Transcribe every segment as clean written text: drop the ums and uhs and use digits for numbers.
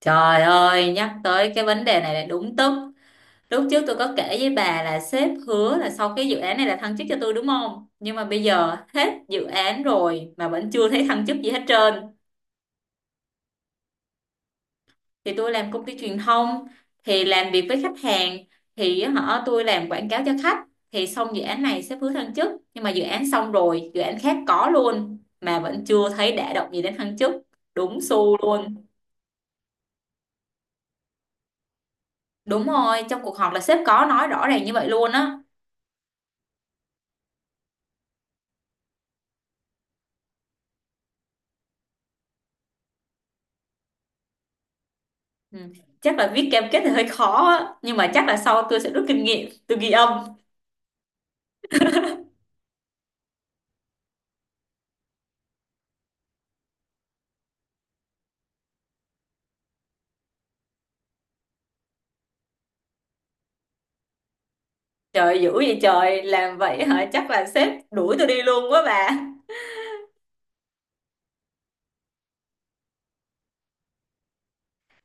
Trời ơi, nhắc tới cái vấn đề này là đúng tức. Lúc trước tôi có kể với bà là sếp hứa là sau cái dự án này là thăng chức cho tôi, đúng không? Nhưng mà bây giờ hết dự án rồi mà vẫn chưa thấy thăng chức gì hết trơn. Thì tôi làm công ty truyền thông, thì làm việc với khách hàng, thì họ tôi làm quảng cáo cho khách. Thì xong dự án này sếp hứa thăng chức, nhưng mà dự án xong rồi, dự án khác có luôn mà vẫn chưa thấy đả động gì đến thăng chức. Đúng xu luôn. Đúng rồi, trong cuộc họp là sếp có nói rõ ràng như vậy luôn á. Ừ. Chắc là viết cam kết thì hơi khó á. Nhưng mà chắc là sau tôi sẽ rút kinh nghiệm. Tôi ghi âm. Trời, dữ vậy trời. Làm vậy hả? Chắc là sếp đuổi tôi đi luôn quá bà.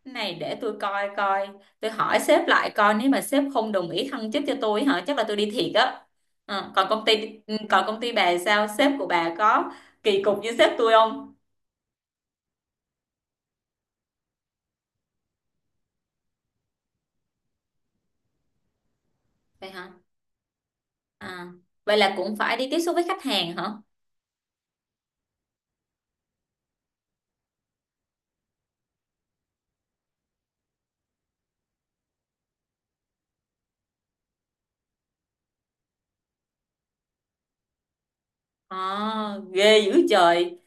Cái này để tôi coi coi. Tôi hỏi sếp lại coi. Nếu mà sếp không đồng ý thăng chức cho tôi hả, chắc là tôi đi thiệt á. Còn công ty, còn công ty bà sao? Sếp của bà có kỳ cục như sếp tôi không? Vậy hả? à, Vậy là cũng phải đi tiếp xúc với khách hàng hả? Ờ Ghê dữ trời.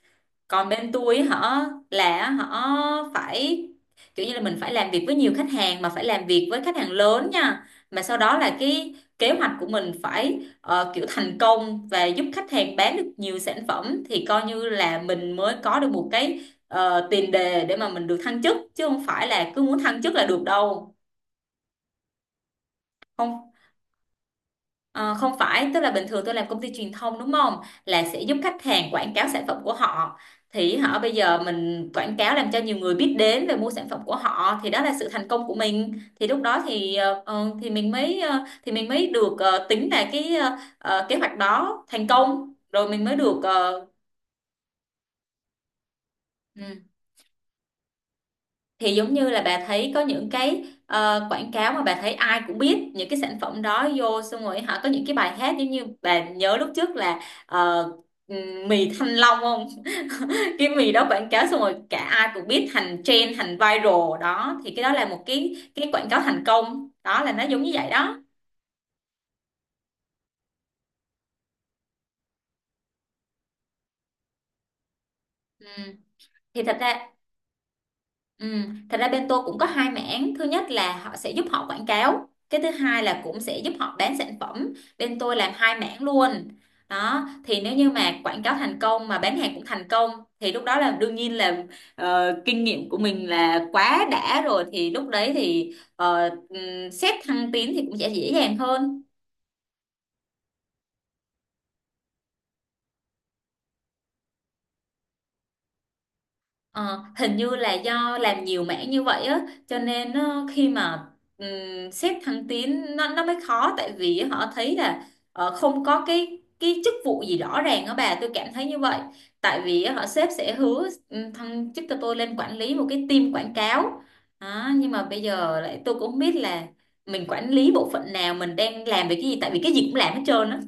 Còn bên tôi họ phải kiểu như là mình phải làm việc với nhiều khách hàng, mà phải làm việc với khách hàng lớn nha. Mà sau đó là cái kế hoạch của mình phải kiểu thành công và giúp khách hàng bán được nhiều sản phẩm, thì coi như là mình mới có được một cái tiền đề để mà mình được thăng chức, chứ không phải là cứ muốn thăng chức là được đâu. Không. Ờ, Không phải, tức là bình thường tôi làm công ty truyền thông đúng không? Là sẽ giúp khách hàng quảng cáo sản phẩm của họ. Thì họ bây giờ mình quảng cáo làm cho nhiều người biết đến về mua sản phẩm của họ thì đó là sự thành công của mình. Thì lúc đó thì thì mình mới thì mình mới được tính là cái kế hoạch đó thành công rồi mình mới được ừ. Thì giống như là bà thấy có những cái quảng cáo mà bà thấy ai cũng biết những cái sản phẩm đó vô, xong rồi họ có những cái bài hát, giống như bà nhớ lúc trước là ờ, mì Thanh Long không? Cái mì đó quảng cáo xong rồi cả ai cũng biết, thành trend thành viral đó, thì cái đó là một cái quảng cáo thành công đó, là nó giống như vậy đó. Ừ. Thì thật ra, ừ, thật ra bên tôi cũng có hai mảng. Thứ nhất là họ sẽ giúp họ quảng cáo, cái thứ hai là cũng sẽ giúp họ bán sản phẩm. Bên tôi làm hai mảng luôn đó. Thì nếu như mà quảng cáo thành công mà bán hàng cũng thành công thì lúc đó là đương nhiên là kinh nghiệm của mình là quá đã rồi, thì lúc đấy thì xét thăng tiến thì cũng sẽ dễ dàng hơn. Ờ, hình như là do làm nhiều mảng như vậy á, cho nên khi mà xét thăng tiến nó mới khó, tại vì họ thấy là không có cái chức vụ gì rõ ràng á bà, tôi cảm thấy như vậy. Tại vì á, họ sếp sẽ hứa thăng chức cho tôi lên quản lý một cái team quảng cáo. Đó, nhưng mà bây giờ lại tôi cũng không biết là mình quản lý bộ phận nào, mình đang làm về cái gì, tại vì cái gì cũng làm hết trơn á.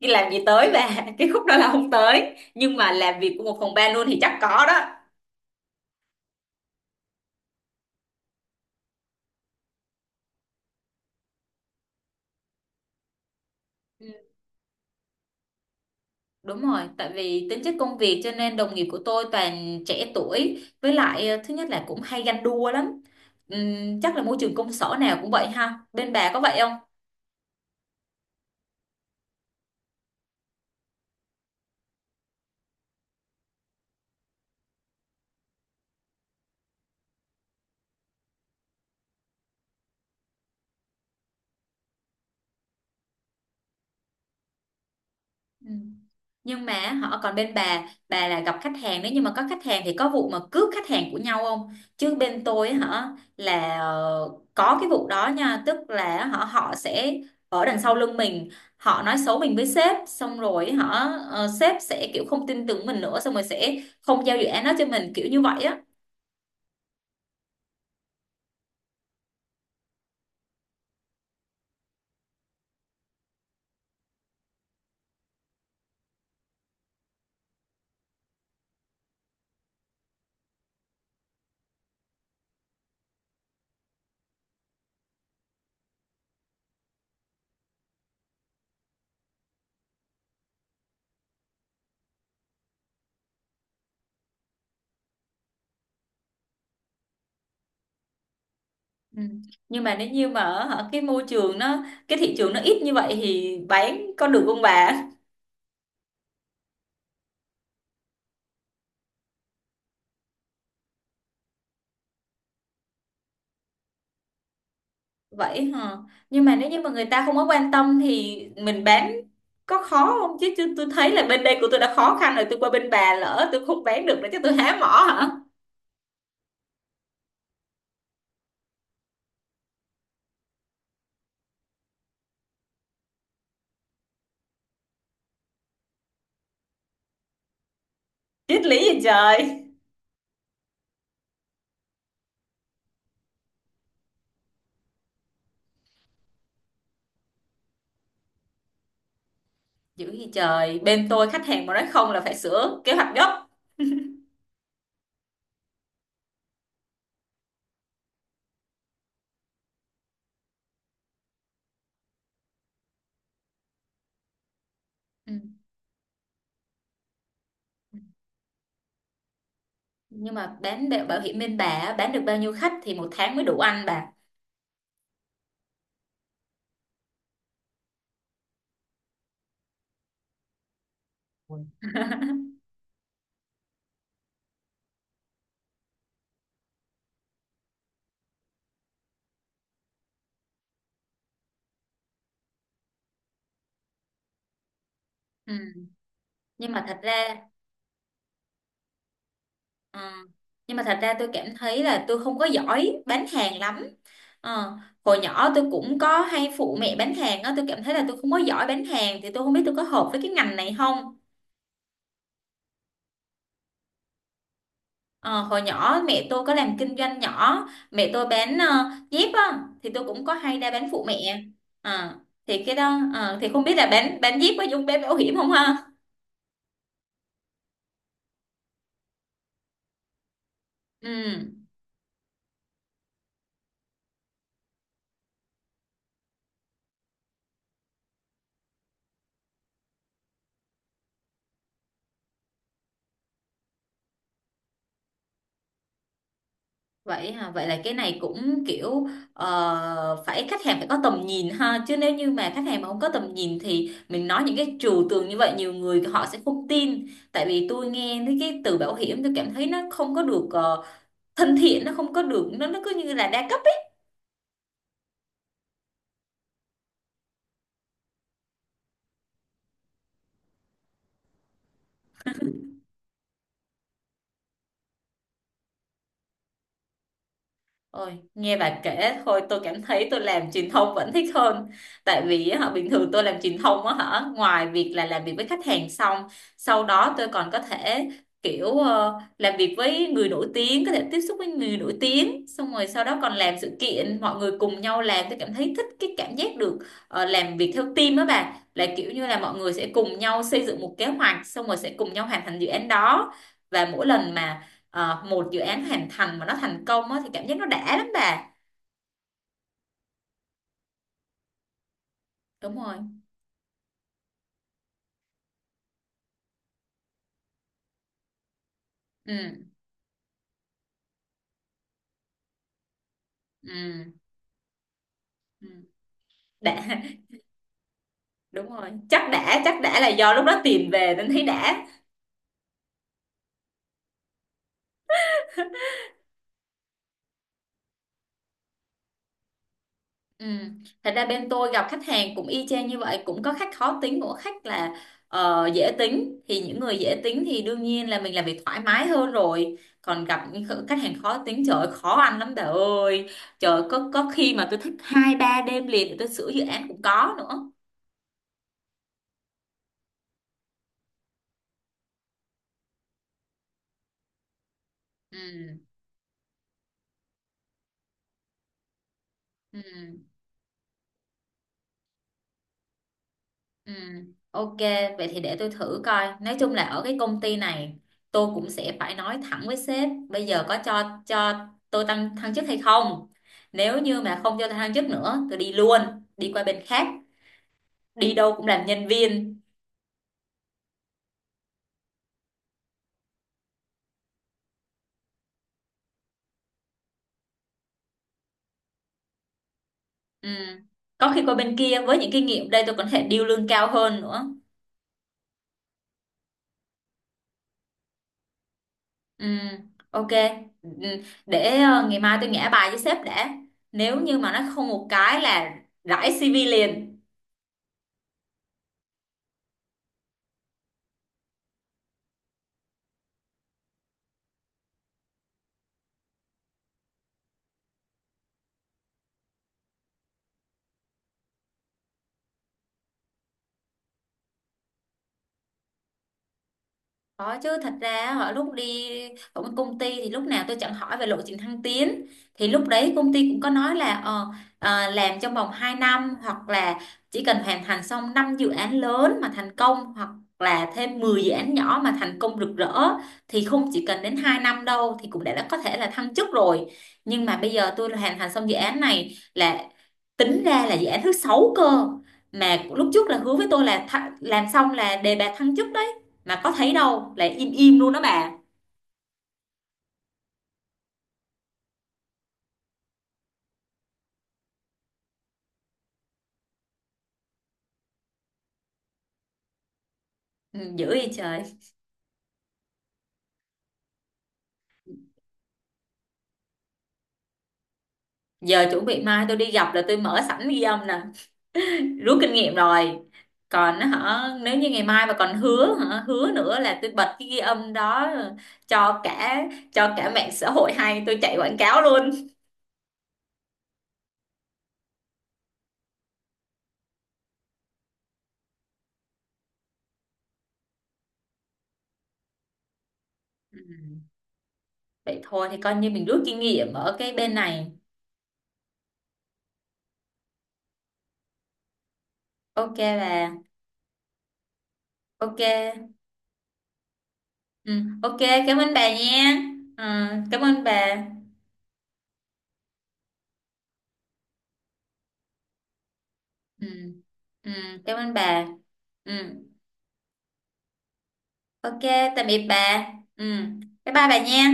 Đi làm gì tới bà, cái khúc đó là không tới, nhưng mà làm việc của một phòng ban luôn thì chắc có đó. Đúng rồi, tại vì tính chất công việc cho nên đồng nghiệp của tôi toàn trẻ tuổi, với lại thứ nhất là cũng hay ganh đua lắm. Chắc là môi trường công sở nào cũng vậy ha. Bên bà có vậy không? Ừ. Nhưng mà họ, còn bên bà là gặp khách hàng, nếu như mà có khách hàng thì có vụ mà cướp khách hàng của nhau không? Chứ bên tôi hả, là có cái vụ đó nha. Tức là họ họ sẽ ở đằng sau lưng mình, họ nói xấu mình với sếp, xong rồi họ sếp sẽ kiểu không tin tưởng mình nữa, xong rồi sẽ không giao dự án đó cho mình, kiểu như vậy á. Ừ. Nhưng mà nếu như mà hả, cái môi trường nó, cái thị trường nó ít như vậy thì bán có được không bà? Vậy hả, nhưng mà nếu như mà người ta không có quan tâm thì mình bán có khó không? Chứ chứ tôi thấy là bên đây của tôi đã khó khăn rồi, tôi qua bên bà lỡ tôi không bán được nữa, chứ tôi há mỏ hả? Triết lý gì trời. Dữ gì trời, bên tôi khách hàng mà nói không là phải sửa kế hoạch gấp. Ừ. Nhưng mà bán bảo bảo hiểm bên bà á, bán được bao nhiêu khách thì một tháng mới đủ ăn bà? Ừ. Nhưng mà thật ra, Ờ, nhưng mà thật ra tôi cảm thấy là tôi không có giỏi bán hàng lắm. Ờ, Hồi nhỏ tôi cũng có hay phụ mẹ bán hàng á, tôi cảm thấy là tôi không có giỏi bán hàng thì tôi không biết tôi có hợp với cái ngành này không. Ờ, Hồi nhỏ mẹ tôi có làm kinh doanh nhỏ, mẹ tôi bán dép á, thì tôi cũng có hay ra bán phụ mẹ. Ờ, thì cái đó thì không biết là bán dép có dùng bán bảo hiểm không ha. Ừ. Vậy hả? Vậy là cái này cũng kiểu phải, khách hàng phải có tầm nhìn ha, chứ nếu như mà khách hàng mà không có tầm nhìn thì mình nói những cái trừu tượng như vậy nhiều người họ sẽ không tin. Tại vì tôi nghe thấy cái từ bảo hiểm, tôi cảm thấy nó không có được thân thiện, nó không có được, nó cứ như là đa cấp. Ôi, nghe bà kể thôi tôi cảm thấy tôi làm truyền thông vẫn thích hơn. Tại vì á, bình thường tôi làm truyền thông á hả, ngoài việc là làm việc với khách hàng xong, sau đó tôi còn có thể kiểu làm việc với người nổi tiếng, có thể tiếp xúc với người nổi tiếng, xong rồi sau đó còn làm sự kiện, mọi người cùng nhau làm, tôi cảm thấy thích cái cảm giác được làm việc theo team á bà. Là kiểu như là mọi người sẽ cùng nhau xây dựng một kế hoạch, xong rồi sẽ cùng nhau hoàn thành dự án đó. Và mỗi lần mà một dự án hoàn thành mà nó thành công á, thì cảm giác nó đã lắm bà. Đúng rồi. Ừ. Ừ. Ừ. Đã. Đúng rồi, chắc đã, chắc đã là do lúc đó tiền về nên thấy đã. Ừ. Thật ra bên tôi gặp khách hàng cũng y chang như vậy, cũng có khách khó tính cũng có khách là dễ tính. Thì những người dễ tính thì đương nhiên là mình làm việc thoải mái hơn rồi, còn gặp những khách hàng khó tính trời ơi, khó ăn lắm bà ơi. Trời ơi, có khi mà tôi thức 2 3 đêm liền để tôi sửa dự án cũng có nữa. Ừ. Ừ. Ừ, ok, vậy thì để tôi thử coi. Nói chung là ở cái công ty này, tôi cũng sẽ phải nói thẳng với sếp, bây giờ có cho tôi tăng thăng chức hay không? Nếu như mà không cho tôi thăng chức nữa, tôi đi luôn, đi qua bên khác, đi đâu cũng làm nhân viên. Ừ. Có khi qua bên kia với những kinh nghiệm đây tôi còn có thể điêu lương cao hơn nữa. Ừ, ok. Ừ, để ngày mai tôi ngã bài với sếp đã. Nếu như mà nó không một cái là rải CV liền. Có chứ, thật ra họ lúc đi ở một công ty thì lúc nào tôi chẳng hỏi về lộ trình thăng tiến. Thì lúc đấy công ty cũng có nói là làm trong vòng 2 năm, hoặc là chỉ cần hoàn thành xong 5 dự án lớn mà thành công, hoặc là thêm 10 dự án nhỏ mà thành công rực rỡ, thì không chỉ cần đến 2 năm đâu, thì cũng đã có thể là thăng chức rồi. Nhưng mà bây giờ tôi hoàn thành xong dự án này là tính ra là dự án thứ 6 cơ, mà lúc trước là hứa với tôi là làm xong là đề bạt thăng chức, mà có thấy đâu, lại im im luôn đó bà. Ừ, dữ vậy trời. Giờ chuẩn bị mai tôi đi gặp là tôi mở sẵn ghi âm nè, rút kinh nghiệm rồi. Còn á hả, nếu như ngày mai mà còn hứa hả, hứa nữa là tôi bật cái ghi âm đó cho cả, cho cả mạng xã hội hay tôi chạy quảng cáo luôn. Ừ. Vậy thôi thì coi như mình rút kinh nghiệm ở cái bên này. Ok bà. Ok. Ừ, ok. Cảm ơn bà nha. Ừ, cảm ơn bà. Ừ, ừ, cảm ơn bà. Ừ. Ok, tạm biệt bà. Ừ, bye bye bà nha.